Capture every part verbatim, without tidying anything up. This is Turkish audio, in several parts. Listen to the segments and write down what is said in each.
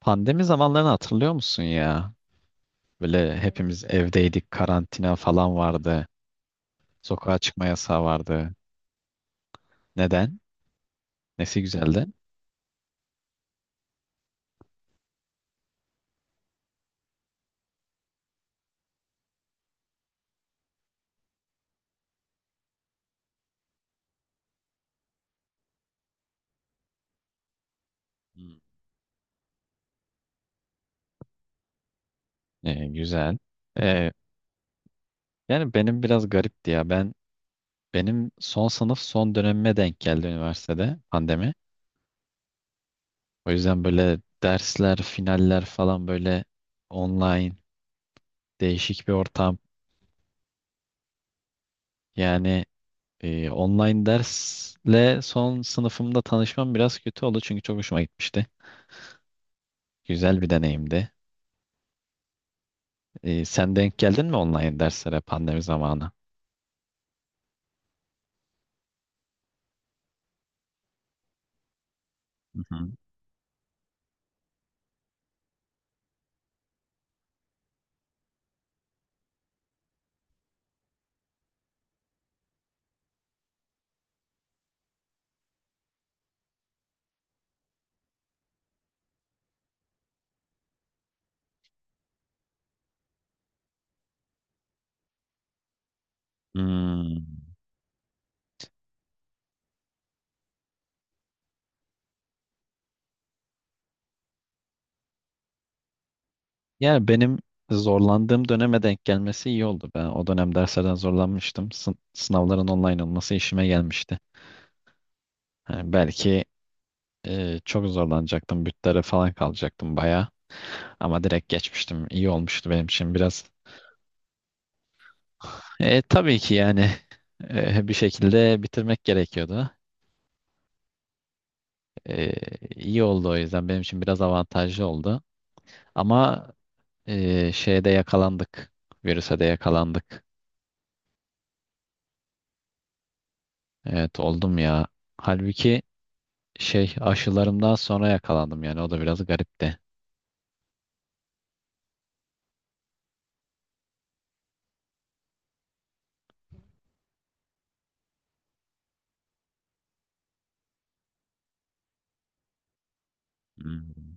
Pandemi zamanlarını hatırlıyor musun ya? Böyle hepimiz evdeydik, karantina falan vardı. Sokağa çıkma yasağı vardı. Neden? Nesi güzeldi? Hmm. Ee, güzel. Ee, yani benim biraz garipti ya. Ben benim son sınıf son dönemime denk geldi üniversitede pandemi. O yüzden böyle dersler, finaller falan böyle online değişik bir ortam. Yani e, online dersle son sınıfımda tanışmam biraz kötü oldu çünkü çok hoşuma gitmişti. Güzel bir deneyimdi. E, sen denk geldin mi online derslere pandemi zamanı? Hı hı. Hmm. Yani benim zorlandığım döneme denk gelmesi iyi oldu. Ben o dönem derslerden zorlanmıştım. Sın- sınavların online olması işime gelmişti. Yani belki Ee, çok zorlanacaktım. Bütlere falan kalacaktım baya. Ama direkt geçmiştim. İyi olmuştu benim için biraz. Ee, tabii ki yani ee, bir şekilde bitirmek gerekiyordu. Ee, iyi oldu o yüzden. Benim için biraz avantajlı oldu. Ama ee, şeyde yakalandık. Virüse de yakalandık. Evet oldum ya. Halbuki şey aşılarımdan sonra yakalandım yani o da biraz garipti. Hmm.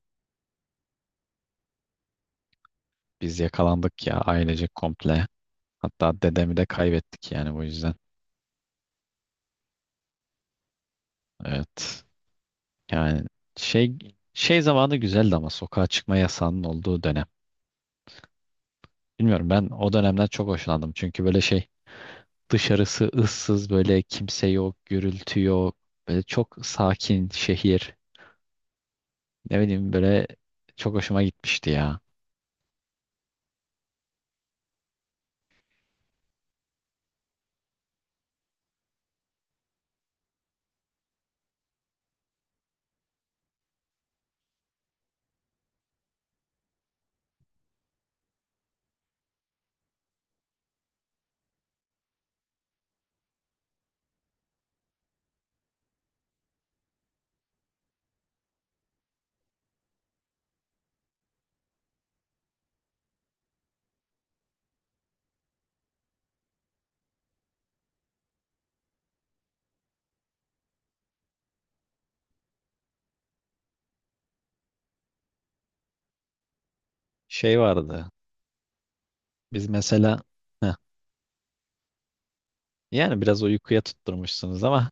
Biz yakalandık ya ailecek komple. Hatta dedemi de kaybettik yani bu yüzden. Evet. Yani şey şey zamanı güzeldi ama sokağa çıkma yasağının olduğu dönem. Bilmiyorum ben o dönemden çok hoşlandım. Çünkü böyle şey. Dışarısı ıssız böyle kimse yok, gürültü yok. Böyle çok sakin şehir. Ne bileyim böyle çok hoşuma gitmişti ya. Şey vardı. Biz mesela heh, yani biraz uykuya tutturmuşsunuz ama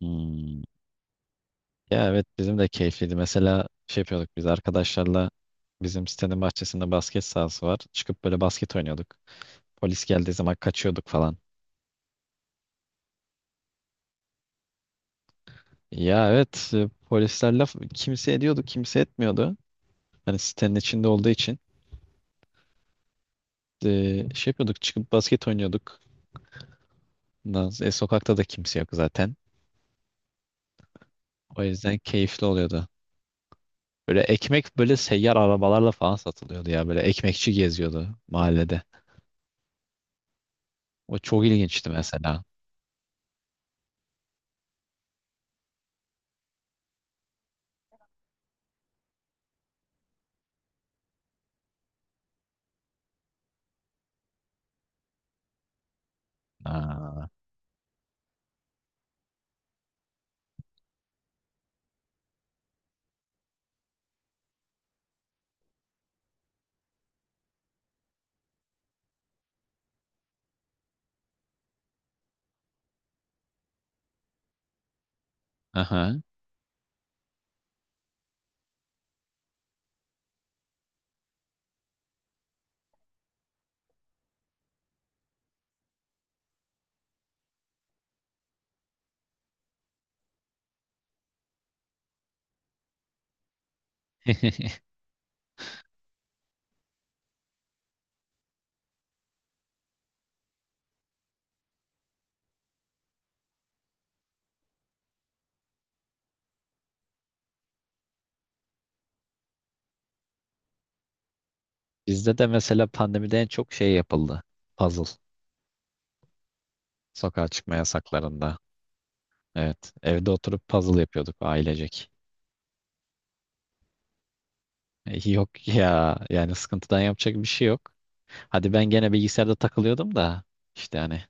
hmm, ya evet bizim de keyifliydi. Mesela şey yapıyorduk biz arkadaşlarla bizim sitenin bahçesinde basket sahası var. Çıkıp böyle basket oynuyorduk. Polis geldiği zaman kaçıyorduk falan. Ya evet e, polisler laf kimse ediyordu kimse etmiyordu. Hani sitenin içinde olduğu için e, şey yapıyorduk çıkıp basket oynuyorduk. Ondan sonra- E, sokakta da kimse yok zaten. O yüzden keyifli oluyordu. Böyle ekmek böyle seyyar arabalarla falan satılıyordu ya. Böyle ekmekçi geziyordu mahallede. O çok ilginçti mesela. Aa, aha. Bizde de mesela pandemide en çok şey yapıldı. Puzzle. Sokağa çıkma yasaklarında. Evet. Evde oturup puzzle yapıyorduk ailecek. E, Yok ya. Yani sıkıntıdan yapacak bir şey yok. Hadi ben gene bilgisayarda takılıyordum da. İşte hani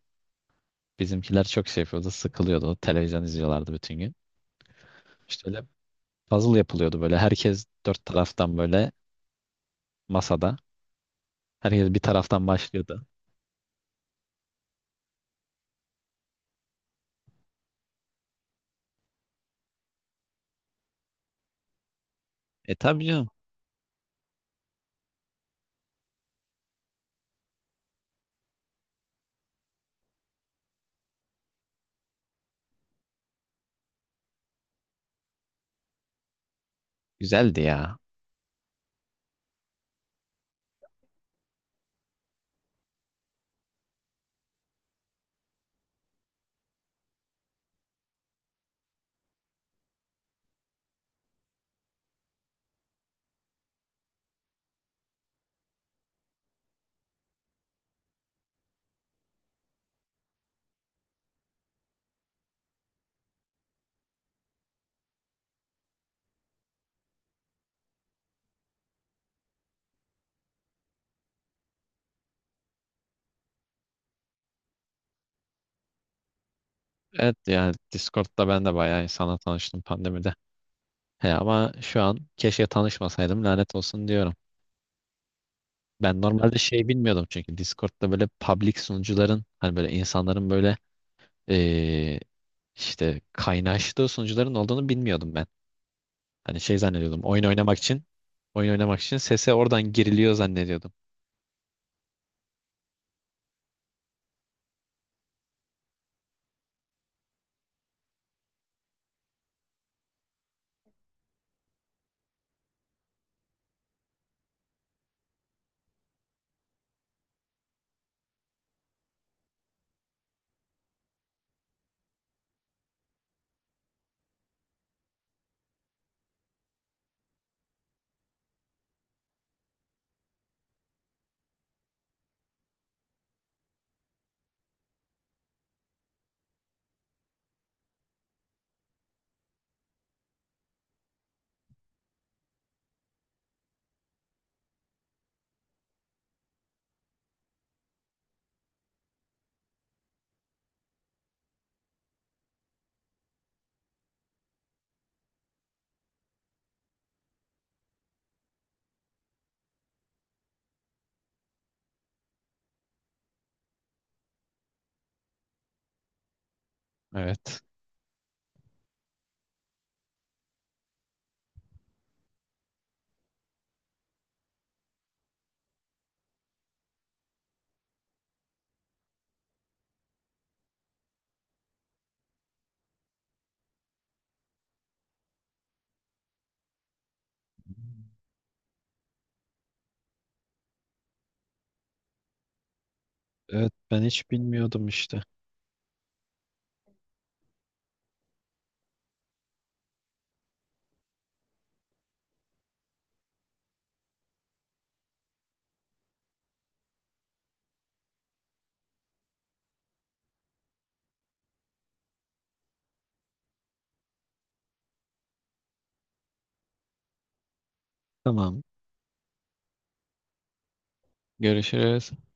bizimkiler çok şey yapıyordu, sıkılıyordu. Televizyon izliyorlardı bütün gün. İşte öyle puzzle yapılıyordu böyle. Herkes dört taraftan böyle masada. Herkes bir taraftan başlıyordu. E tabii canım. Güzeldi ya. Evet ya, Discord'da ben de bayağı insanla tanıştım pandemide. He ama şu an keşke tanışmasaydım lanet olsun diyorum. Ben normalde şey bilmiyordum çünkü Discord'da böyle public sunucuların hani böyle insanların böyle eee, işte kaynaştığı sunucuların olduğunu bilmiyordum ben. Hani şey zannediyordum. Oyun oynamak için oyun oynamak için sese oradan giriliyor zannediyordum. Evet. Evet ben hiç bilmiyordum işte. Tamam. Görüşürüz.